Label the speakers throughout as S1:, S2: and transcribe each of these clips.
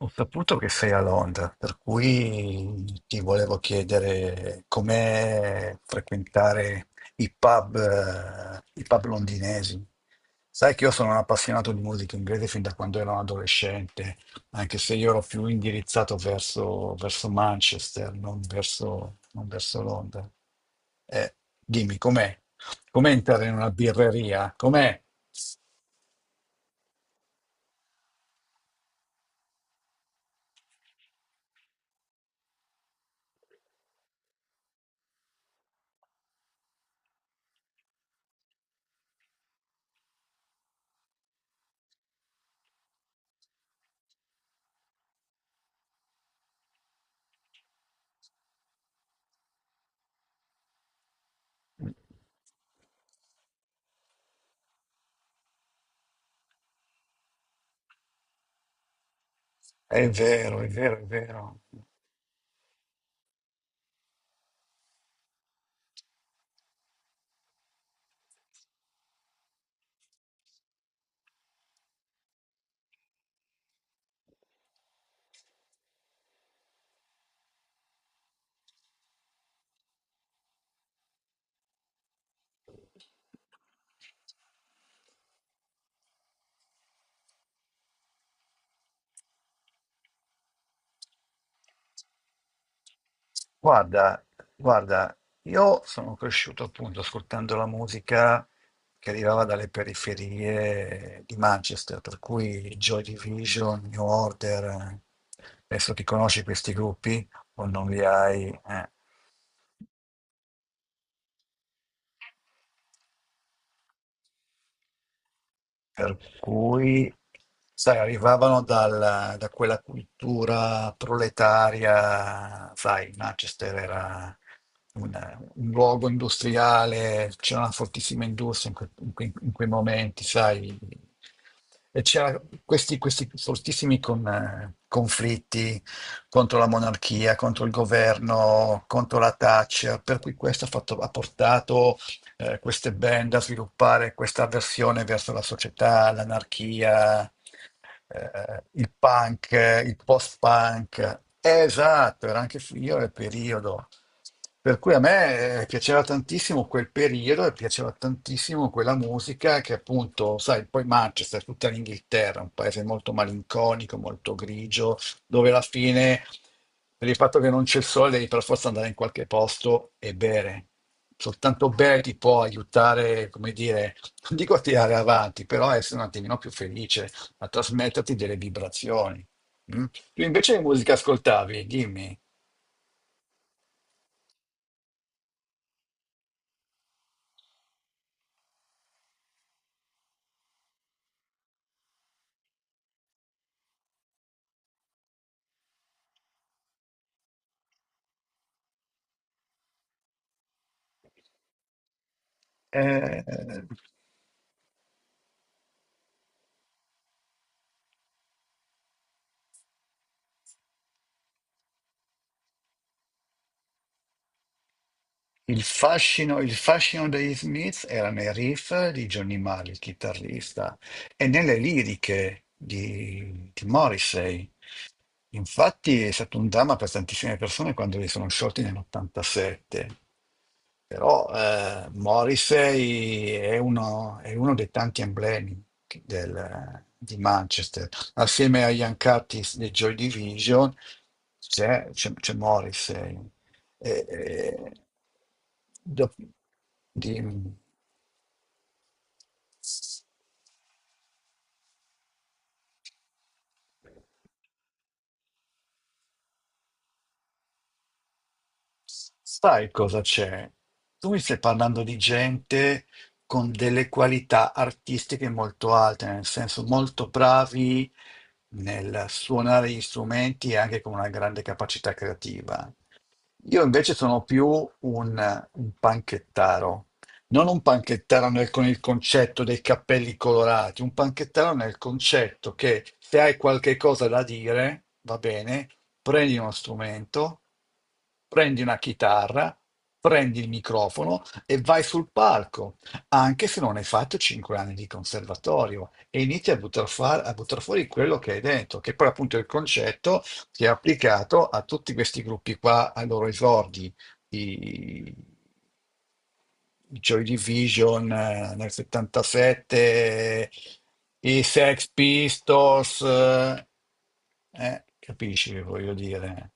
S1: Ho saputo che sei a Londra, per cui ti volevo chiedere com'è frequentare i pub londinesi. Sai che io sono un appassionato di musica inglese fin da quando ero un adolescente, anche se io ero più indirizzato verso Manchester, non verso Londra. Eh, Dimmi, com'è? Com'è entrare in una birreria? Com'è? È vero, è vero, è vero. Guarda, guarda, io sono cresciuto appunto ascoltando la musica che arrivava dalle periferie di Manchester, per cui Joy Division, New Order, eh. Adesso ti conosci questi gruppi o non li hai? Eh. Per cui, sai, arrivavano da quella cultura proletaria. Sai, Manchester era un, un luogo industriale, c'era una fortissima industria in quei momenti. Sai, e c'era questi fortissimi conflitti contro la monarchia, contro il governo, contro la Thatcher, per cui questo ha portato queste band a sviluppare questa avversione verso la società, l'anarchia, il punk, il post-punk. Esatto, era anche io nel periodo. Per cui a me piaceva tantissimo quel periodo e piaceva tantissimo quella musica che appunto, sai, poi Manchester, tutta l'Inghilterra, un paese molto malinconico, molto grigio, dove alla fine, per il fatto che non c'è il sole, devi per forza andare in qualche posto e bere. Soltanto bere ti può aiutare, come dire, non dico a tirare avanti, però a essere un attimino più felice, a trasmetterti delle vibrazioni. Mm? Tu invece che musica ascoltavi? Dimmi. Eh, il fascino degli Smith era nei riff di Johnny Marr, il chitarrista, e nelle liriche di Morrissey. Infatti è stato un dramma per tantissime persone quando li sono sciolti nell'87. Però Morrissey è uno dei tanti emblemi di Manchester. Assieme agli Ancartis dei Joy Division c'è Morrissey. E- e- dop- Dimmi. Sai cosa c'è? Tu mi stai parlando di gente con delle qualità artistiche molto alte, nel senso molto bravi nel suonare gli strumenti e anche con una grande capacità creativa. Io invece sono più un panchettaro, non un panchettaro con il concetto dei cappelli colorati, un panchettaro nel concetto che se hai qualche cosa da dire, va bene. Prendi uno strumento, prendi una chitarra, prendi il microfono e vai sul palco, anche se non hai fatto 5 anni di conservatorio, e inizi a buttar fuori quello che hai dentro, che poi appunto è il concetto che è applicato a tutti questi gruppi qua, ai loro esordi, i, i Joy Division nel 77, i Sex Pistols, capisci che voglio dire?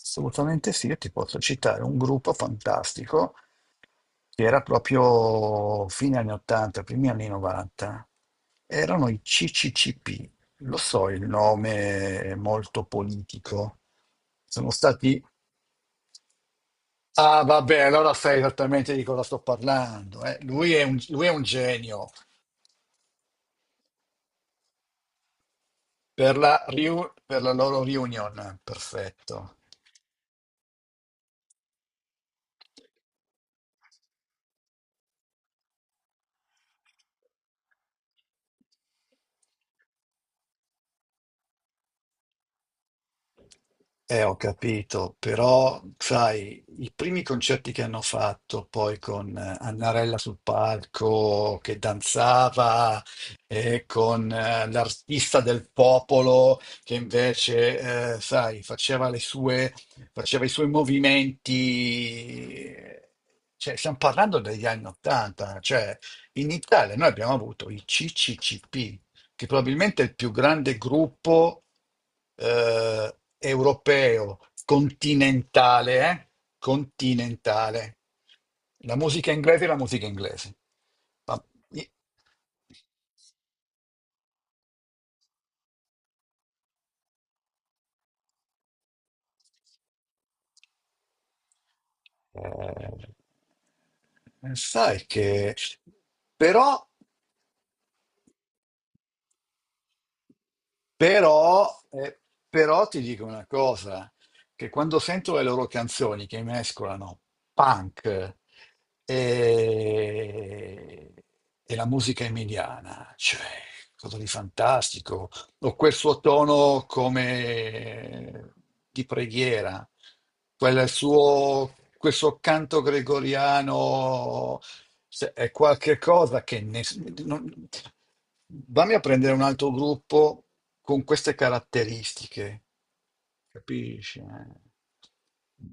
S1: Assolutamente sì, io ti posso citare un gruppo fantastico che era proprio fine anni 80, primi anni 90. Erano i CCCP. Lo so, il nome è molto politico. Sono stati... Ah, vabbè, allora sai esattamente di cosa sto parlando. Lui è un genio. Per la loro reunion, perfetto. Ho capito, però sai, i primi concerti che hanno fatto poi con Annarella sul palco che danzava e con l'artista del popolo che invece, sai, faceva le sue, faceva i suoi movimenti. Cioè, stiamo parlando degli anni Ottanta, cioè in Italia noi abbiamo avuto i CCCP, che probabilmente è il più grande gruppo europeo, continentale, eh? Continentale. La musica inglese è la musica inglese. Ma- i- eh, Sai che... Però Però, eh, però ti dico una cosa, che quando sento le loro canzoni che mescolano punk e, e la musica emiliana, cioè cosa di fantastico, o quel suo tono come di preghiera, quel suo canto gregoriano, se è qualche cosa che ness- non- vammi a prendere un altro gruppo con queste caratteristiche, capisci? Eh?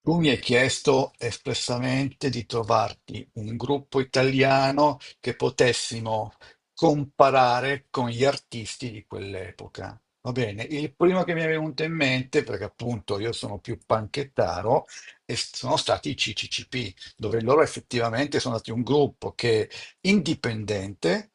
S1: Tu mi hai chiesto espressamente di trovarti un gruppo italiano che potessimo comparare con gli artisti di quell'epoca. Va bene, il primo che mi è venuto in mente, perché appunto io sono più panchettaro, e sono stati i CCCP, dove loro effettivamente sono stati un gruppo che indipendente.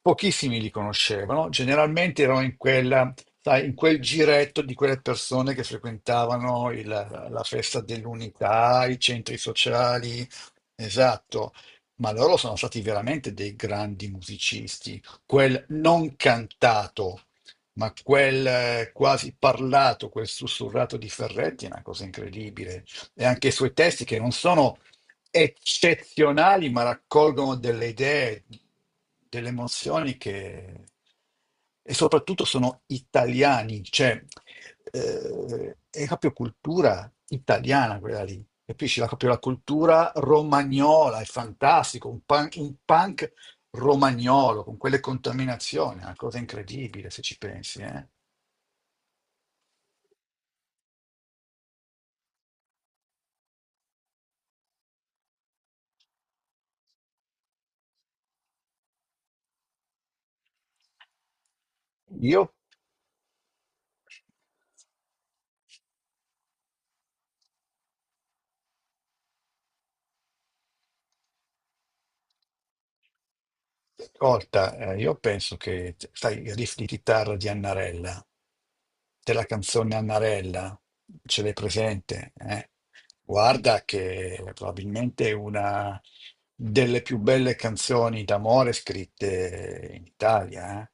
S1: Pochissimi li conoscevano, generalmente erano in quella, sai, in quel giretto di quelle persone che frequentavano la festa dell'unità, i centri sociali, esatto, ma loro sono stati veramente dei grandi musicisti. Quel non cantato, ma quel quasi parlato, quel sussurrato di Ferretti è una cosa incredibile. E anche i suoi testi che non sono eccezionali, ma raccolgono delle idee, delle emozioni che... e soprattutto sono italiani, cioè è proprio cultura italiana quella lì, capisci? Proprio la cultura romagnola, è fantastico, un punk romagnolo con quelle contaminazioni, è una cosa incredibile se ci pensi, eh. Io, Ascolta, io penso che, sai, i riff di chitarra di Annarella, della canzone Annarella, ce l'hai presente? Eh? Guarda che probabilmente è una delle più belle canzoni d'amore scritte in Italia, eh?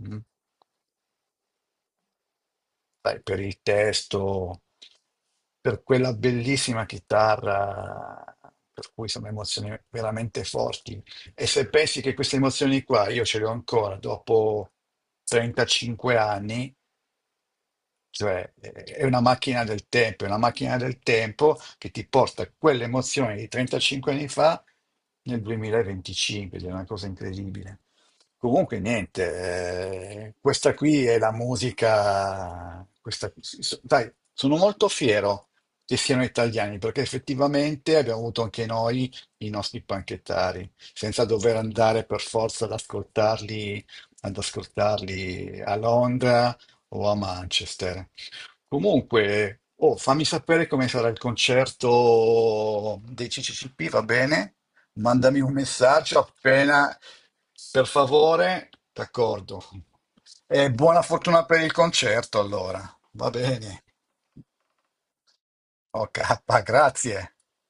S1: Mm. Beh, per il testo, per quella bellissima chitarra, per cui sono emozioni veramente forti. E se pensi che queste emozioni qua io ce le ho ancora dopo 35 anni, cioè, è una macchina del tempo, è una macchina del tempo che ti porta quell'emozione di 35 anni fa nel 2025, ed è una cosa incredibile. Comunque, niente, questa qui è la musica. Dai, sono molto fiero che siano italiani perché effettivamente abbiamo avuto anche noi i nostri panchettari, senza dover andare per forza ad ascoltarli a Londra o a Manchester. Comunque, oh, fammi sapere come sarà il concerto dei CCCP, va bene? Mandami un messaggio appena, per favore, d'accordo. E buona fortuna per il concerto, allora. Va bene. Ok, grazie.